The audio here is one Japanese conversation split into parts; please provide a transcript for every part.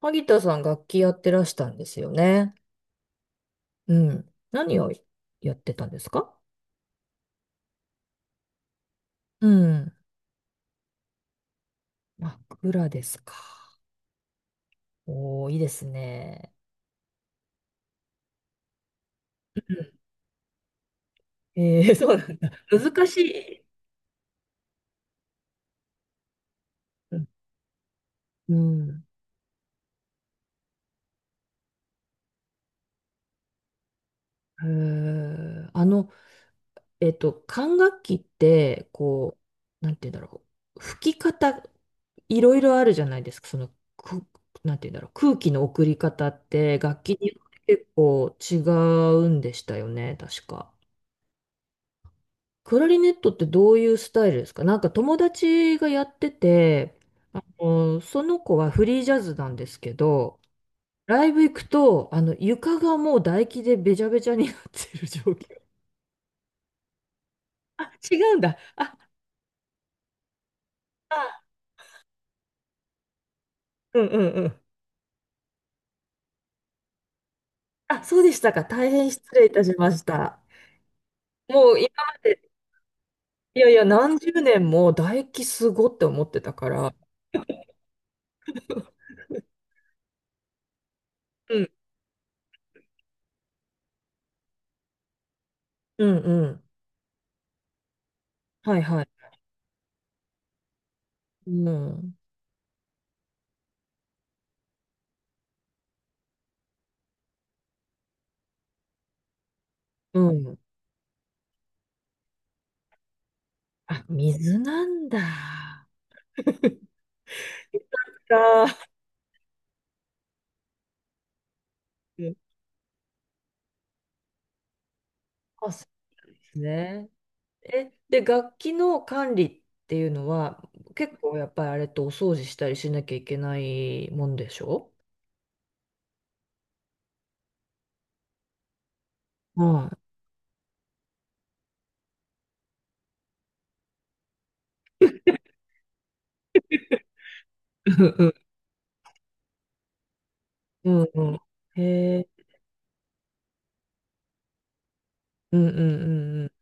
萩田さん楽器やってらしたんですよね。うん。何をやってたんですか？うん。枕ですか。おー、いいですね。うんそうなんだ。難しい。うん。うん。へー。管楽器って、なんて言うんだろう。吹き方、いろいろあるじゃないですか。く、なんて言うんだろう。空気の送り方って、楽器によって結構違うんでしたよね、確か。クラリネットってどういうスタイルですか？なんか友達がやってて、その子はフリージャズなんですけど、ライブ行くと、床がもう唾液でべちゃべちゃになってる状況。あ、違うんだ。あ、あ、うんうんうん。あ、そうでしたか。大変失礼いたしました。もう今まで、いやいや、何十年も唾液すごって思ってたから。うん、うん、うん。はいはい。うん、うん。あ、水なんだ。か。うん、あ、そうですね。で、楽器の管理っていうのは、結構やっぱりあれとお掃除したりしなきゃいけないもんでしょ？はい。うんうん。うんうんへえ。うんうんうんう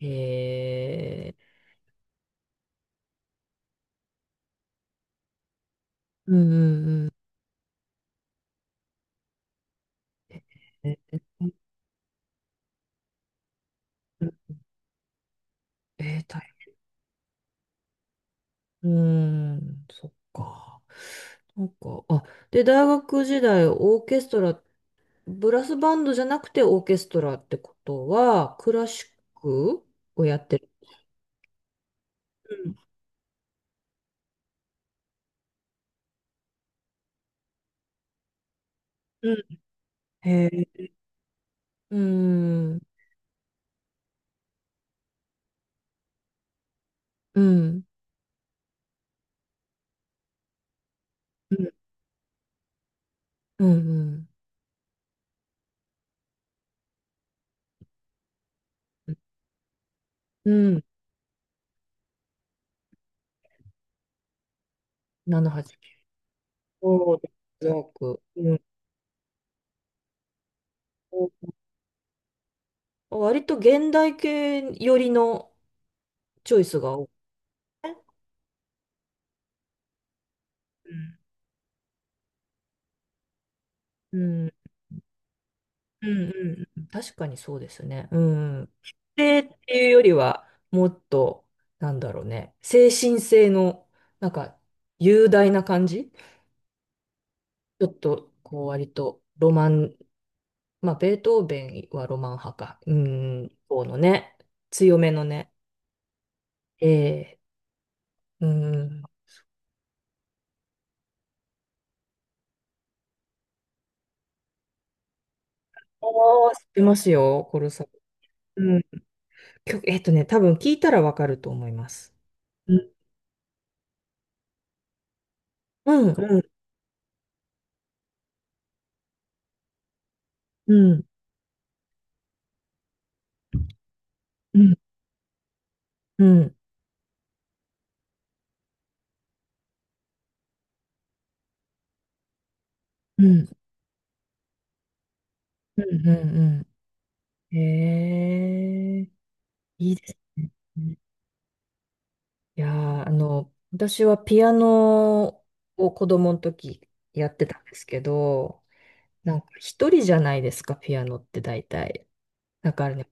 ん。へえ。うんうんうん。ええー、大変。うーん、そっか。なんか、あ、で、大学時代、オーケストラブラスバンドじゃなくてオーケストラってことは、クラシックをやってる。うん。うん。へえ。うん。うん。うん。うん。うん。78。はち、そう、ジャク、うん。割と現代系寄りのチョイスが多い。うん。うん。うんうん確かにそうですね。うん。否定っていうよりは、もっと、なんだろうね。精神性の、なんか、雄大な感じ、ちょっと、こう、割と、ロマン、まあ、ベートーベンはロマン派か。うん、そのね、強めのね。ええ、うん。おー、知ってますよ、コルサ。うん。曲、多分聞いたらわかると思います。うん、うん、うん、うん、うん、うん、うん、うんうん。へえ、いいですね。いやー、私はピアノを子供の時やってたんですけど、なんか一人じゃないですか、ピアノって大体。だからね、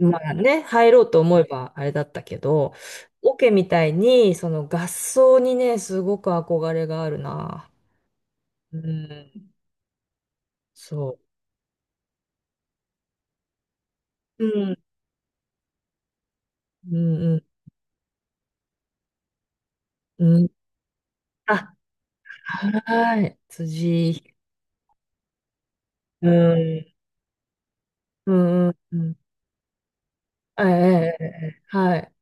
まあね、入ろうと思えばあれだったけど、オケみたいに、その合奏にね、すごく憧れがあるな。うん、そう。うん、うん、うん。うん、あ、はーい、辻。うん、うん、うん。うん、ええ、ええ、はい。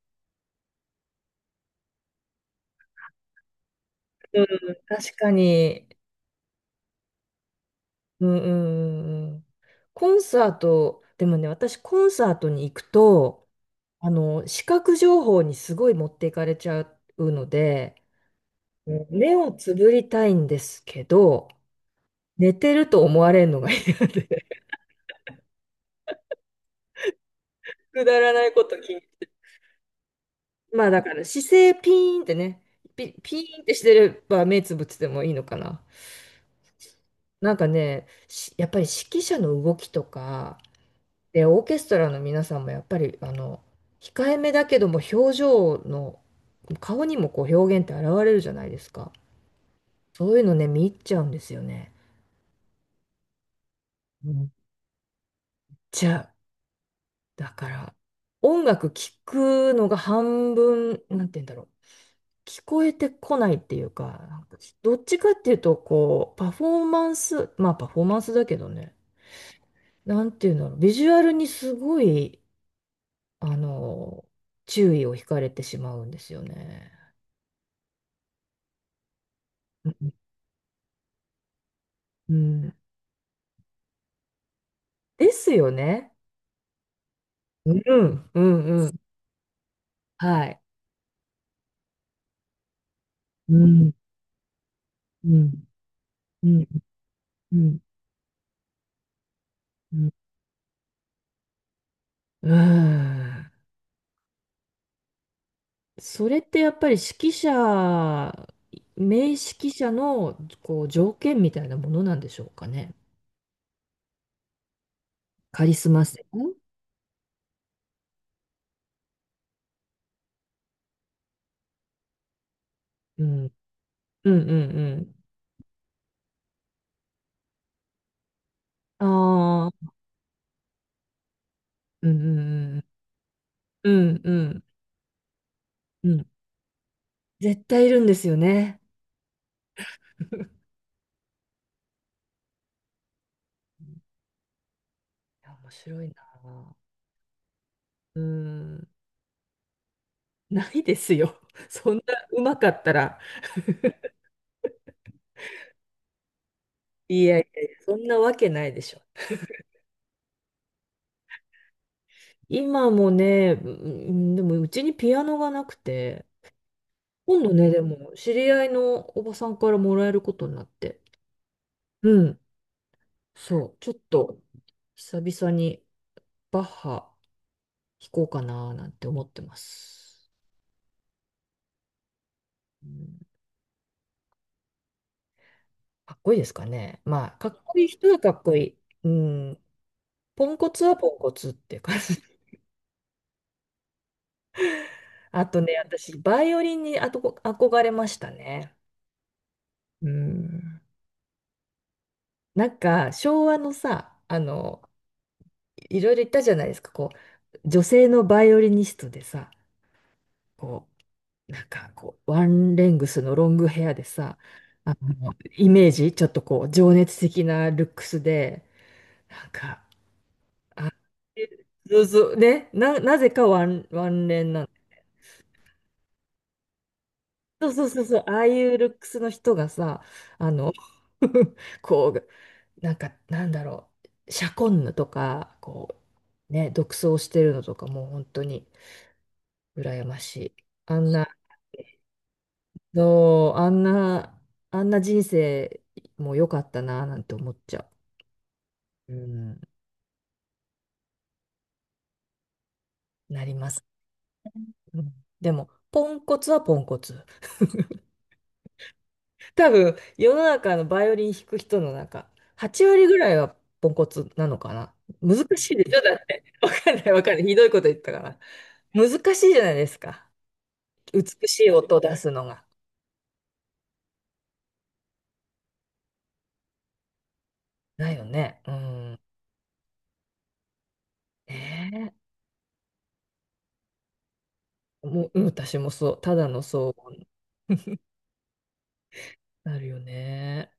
うん、確かに。うん、うん、うん。うん、コンサート、でもね、私、コンサートに行くと、視覚情報にすごい持っていかれちゃうので、うん、目をつぶりたいんですけど、寝てると思われるのが嫌で、くだらないこと気に。まあだから姿勢ピーンってね、ピーンってしてれば目つぶっててもいいのかな。なんかね、やっぱり指揮者の動きとか、で、オーケストラの皆さんもやっぱり、控えめだけども表情の、顔にもこう表現って現れるじゃないですか。そういうのね、見入っちゃうんですよね。じゃあ、だから、音楽聴くのが半分、なんて言うんだろう。聞こえてこないっていうか、なんかどっちかっていうと、こう、パフォーマンス、まあパフォーマンスだけどね、なんていうんだろう。ビジュアルにすごい、あの、注意を惹かれてしまうんですよね。うん。うん、ですよね。うん、うん、うん。はい。うん、うん、うん、うん、うん。うん、それってやっぱり指揮者、名指揮者のこう条件みたいなものなんでしょうかね。カリスマ性。うん、うん、うん、うん。ああ、うん、うん、うん、うん、うん。うん、絶対いるんですよね。いや、面白いな。うん、ないですよ。そんなうまかったら。いやいやいや、そんなわけないでしょ。今もね、うん、でもうちにピアノがなくて、今度ね、でも、知り合いのおばさんからもらえることになって。うん。そう。ちょっと、久々にバッハ弾こうかななんて思ってます。うん、かっこいいですかね。まあ、かっこいい人はかっこいい。うん。ポンコツはポンコツって感じ。あとね、私、バイオリンにあとこ憧れましたね。うん。なんか、昭和のさ、いろいろ言ったじゃないですか、こう、女性のバイオリニストでさ、こなんかこう、ワンレングスのロングヘアでさ、イメージ、ちょっとこう、情熱的なルックスで、なんか、あ、そうそう、ね、なぜかワンレンなの。そうそうそうそう、ああいうルックスの人がさ、あの、こう、なんか、なんだろう、シャコンヌとか、こう、ね、独走してるのとか、もう本当に羨ましい。あんなそう、あんな人生も良かったな、なんて思っちゃう。うん、なります。うん、でも、ポンコツはポンコツ。多分、世の中のバイオリン弾く人の中、8割ぐらいはポンコツなのかな。難しいでしょだって。わかんない、わかんない。ひどいこと言ったから。難しいじゃないですか。美しい音を出すのが。だよね。うん。ねえ、もう、うん、私もそう。ただの騒音。なるよね。